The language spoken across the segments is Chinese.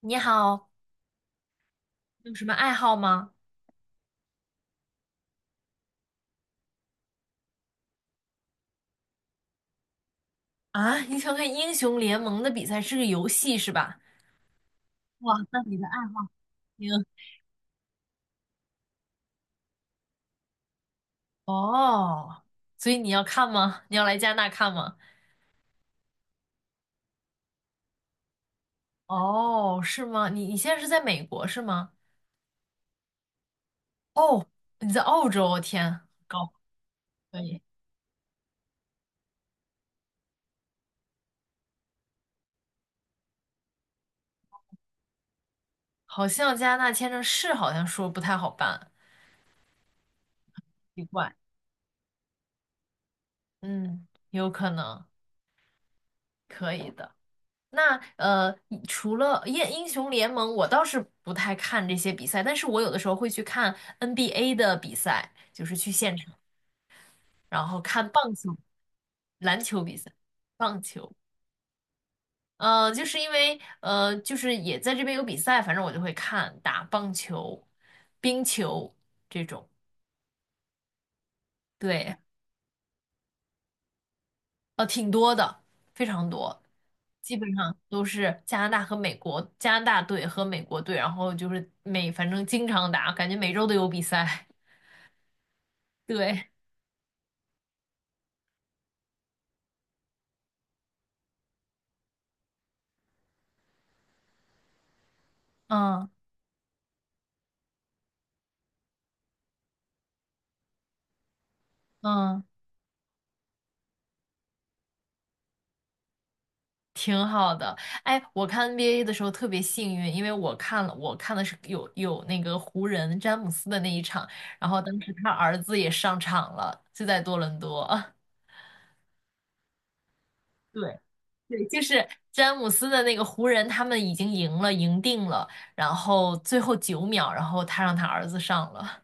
你好，有什么爱好吗？啊，你想看英雄联盟的比赛是个游戏是吧？哇，那你的爱好挺……哦，所以你要看吗？你要来加拿大看吗？哦，是吗？你现在是在美国是吗？你在澳洲啊，我天，高，可以。好像加拿大签证是好像说不太好办，奇怪。嗯，有可能，可以的。那除了英雄联盟，我倒是不太看这些比赛，但是我有的时候会去看 NBA 的比赛，就是去现场，然后看棒球、篮球比赛、棒球。就是因为就是也在这边有比赛，反正我就会看打棒球、冰球这种。对，挺多的，非常多，基本上都是加拿大和美国，加拿大队和美国队，然后就是每反正经常打，感觉每周都有比赛。对，嗯嗯，挺好的。哎，我看 NBA 的时候特别幸运，因为我看了，我看的是有那个湖人詹姆斯的那一场，然后当时他儿子也上场了，就在多伦多。对，对，就是詹姆斯的那个湖人，他们已经赢了，赢定了，然后最后九秒，然后他让他儿子上了。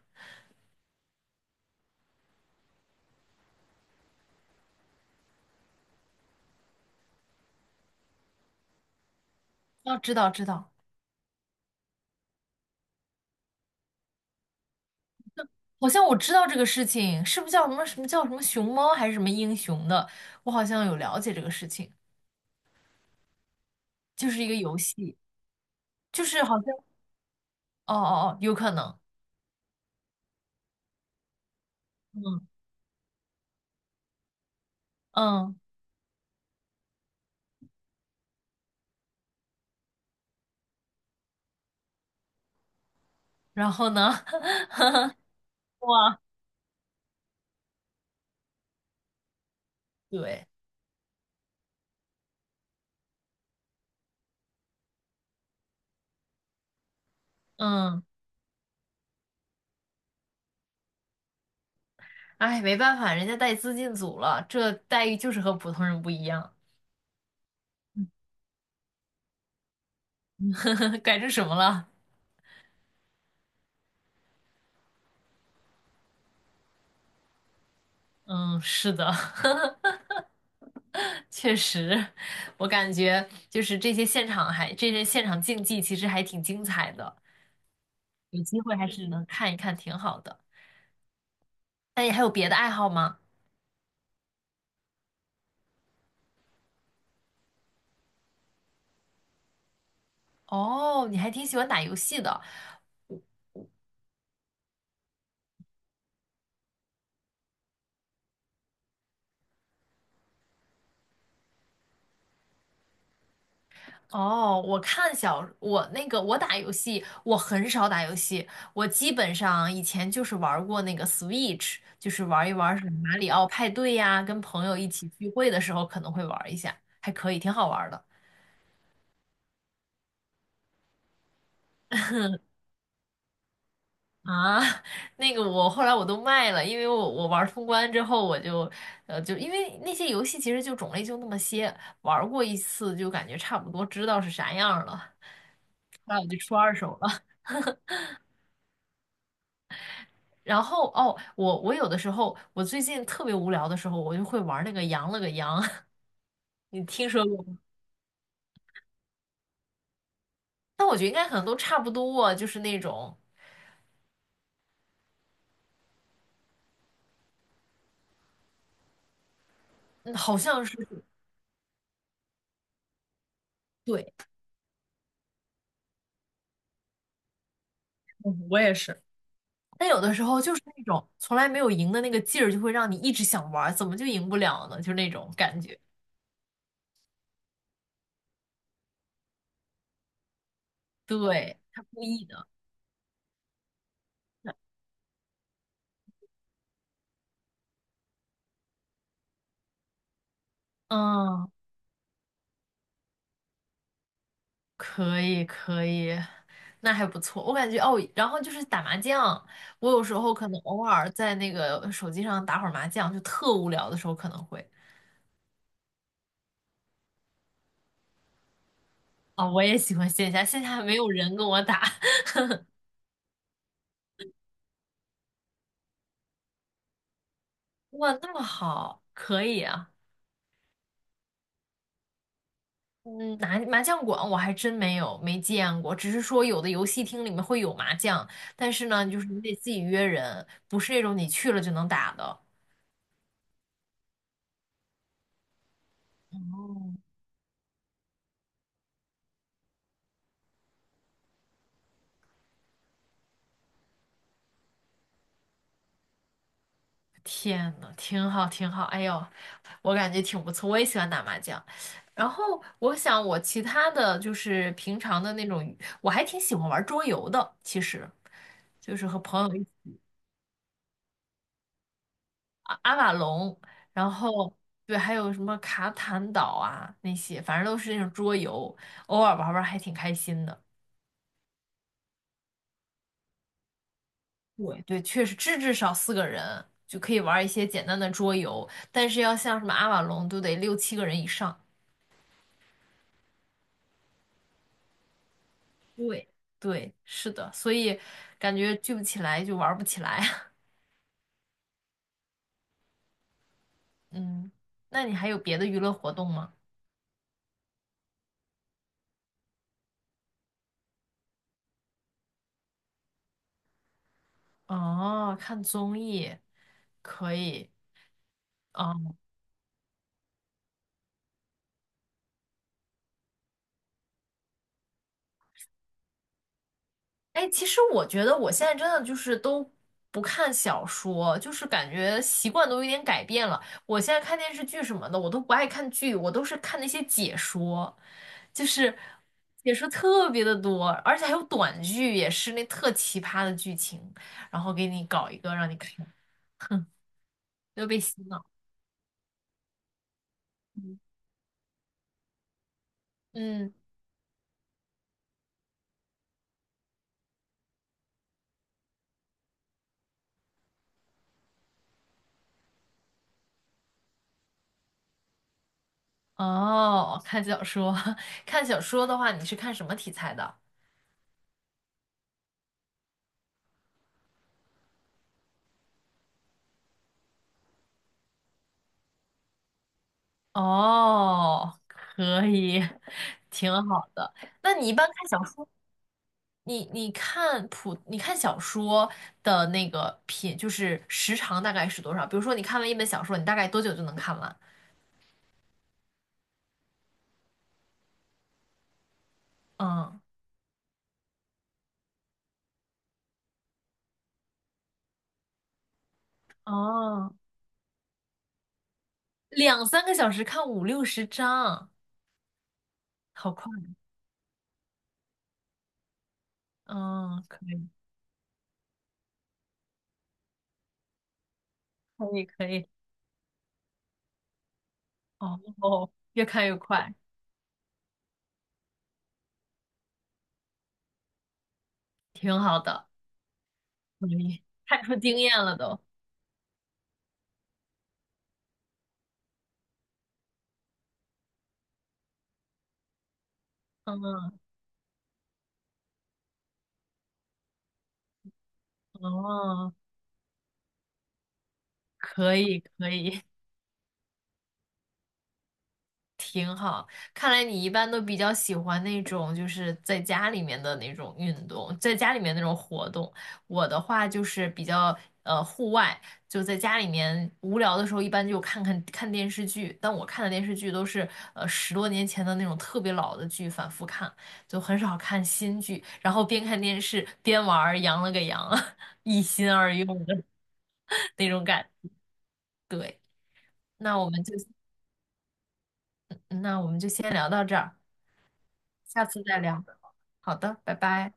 哦，知道知道，好像我知道这个事情，是不是叫什么叫什么熊猫还是什么英雄的？我好像有了解这个事情，就是一个游戏，就是好像哦哦哦，有可能，嗯嗯，然后呢？哇，对，嗯，哎，没办法，人家带资进组了，这待遇就是和普通人不一样，改成什么了？嗯，是的，确实，我感觉就是这些现场还这些现场竞技其实还挺精彩的，有机会还是能看一看，挺好的。那你还有别的爱好吗？哦，你还挺喜欢打游戏的。哦，我看小我那个我打游戏，我很少打游戏，我基本上以前就是玩过那个 Switch，就是玩一玩什么马里奥派对呀，跟朋友一起聚会的时候可能会玩一下，还可以，挺好玩的。啊，那个我后来我都卖了，因为我玩儿通关之后，我就就因为那些游戏其实就种类就那么些，玩儿过一次就感觉差不多知道是啥样儿了，那我就出二手了。然后哦，我我有的时候我最近特别无聊的时候，我就会玩儿那个羊了个羊，你听说过吗？但我觉得应该可能都差不多，就是那种嗯好像是对。嗯我也是。但有的时候就是那种从来没有赢的那个劲儿，就会让你一直想玩儿，怎么就赢不了呢？就是那种感觉。对，他故意的。嗯，可以可以，那还不错。我感觉哦，然后就是打麻将，我有时候可能偶尔在那个手机上打会儿麻将，就特无聊的时候可能会。啊、我也喜欢线下，线下没有人跟我打。哇，那么好，可以啊。嗯，麻将馆我还真没有没见过，只是说有的游戏厅里面会有麻将，但是呢，就是你得自己约人，不是那种你去了就能打的。天呐，挺好，挺好，哎呦，我感觉挺不错，我也喜欢打麻将。然后我想我其他的就是平常的那种，我还挺喜欢玩桌游的，其实就是和朋友。阿瓦隆，然后对，还有什么卡坦岛啊那些，反正都是那种桌游，偶尔玩玩还挺开心的。对对，确实至少四个人就可以玩一些简单的桌游，但是要像什么阿瓦隆都得六七个人以上。对，对，是的，所以感觉聚不起来就玩不起来。嗯，那你还有别的娱乐活动吗？哦，看综艺可以。哦哎，其实我觉得我现在真的就是都不看小说，就是感觉习惯都有点改变了。我现在看电视剧什么的，我都不爱看剧，我都是看那些解说，就是解说特别的多，而且还有短剧，也是那特奇葩的剧情，然后给你搞一个让你看，又被洗脑。嗯，哦，看小说，看小说的话，你是看什么题材的？哦，可以，挺好的。那你一般看小说，你看小说的那个品，就是时长大概是多少？比如说你看完一本小说，你大概多久就能看完？嗯，哦，两三个小时看五六十章，好快。嗯，可以，可以，可以。哦哦，越看越快，挺好的，可以，看出经验了都。嗯，哦，可以，可以。挺好。看来你一般都比较喜欢那种就是在家里面的那种运动，在家里面那种活动。我的话就是比较户外，就在家里面无聊的时候，一般就看看看电视剧。但我看的电视剧都是十多年前的那种特别老的剧，反复看，就很少看新剧。然后边看电视边玩儿，羊了个羊，一心二用的 那种感。对，那我们就那我们就先聊到这儿。下次再聊。好的，拜拜。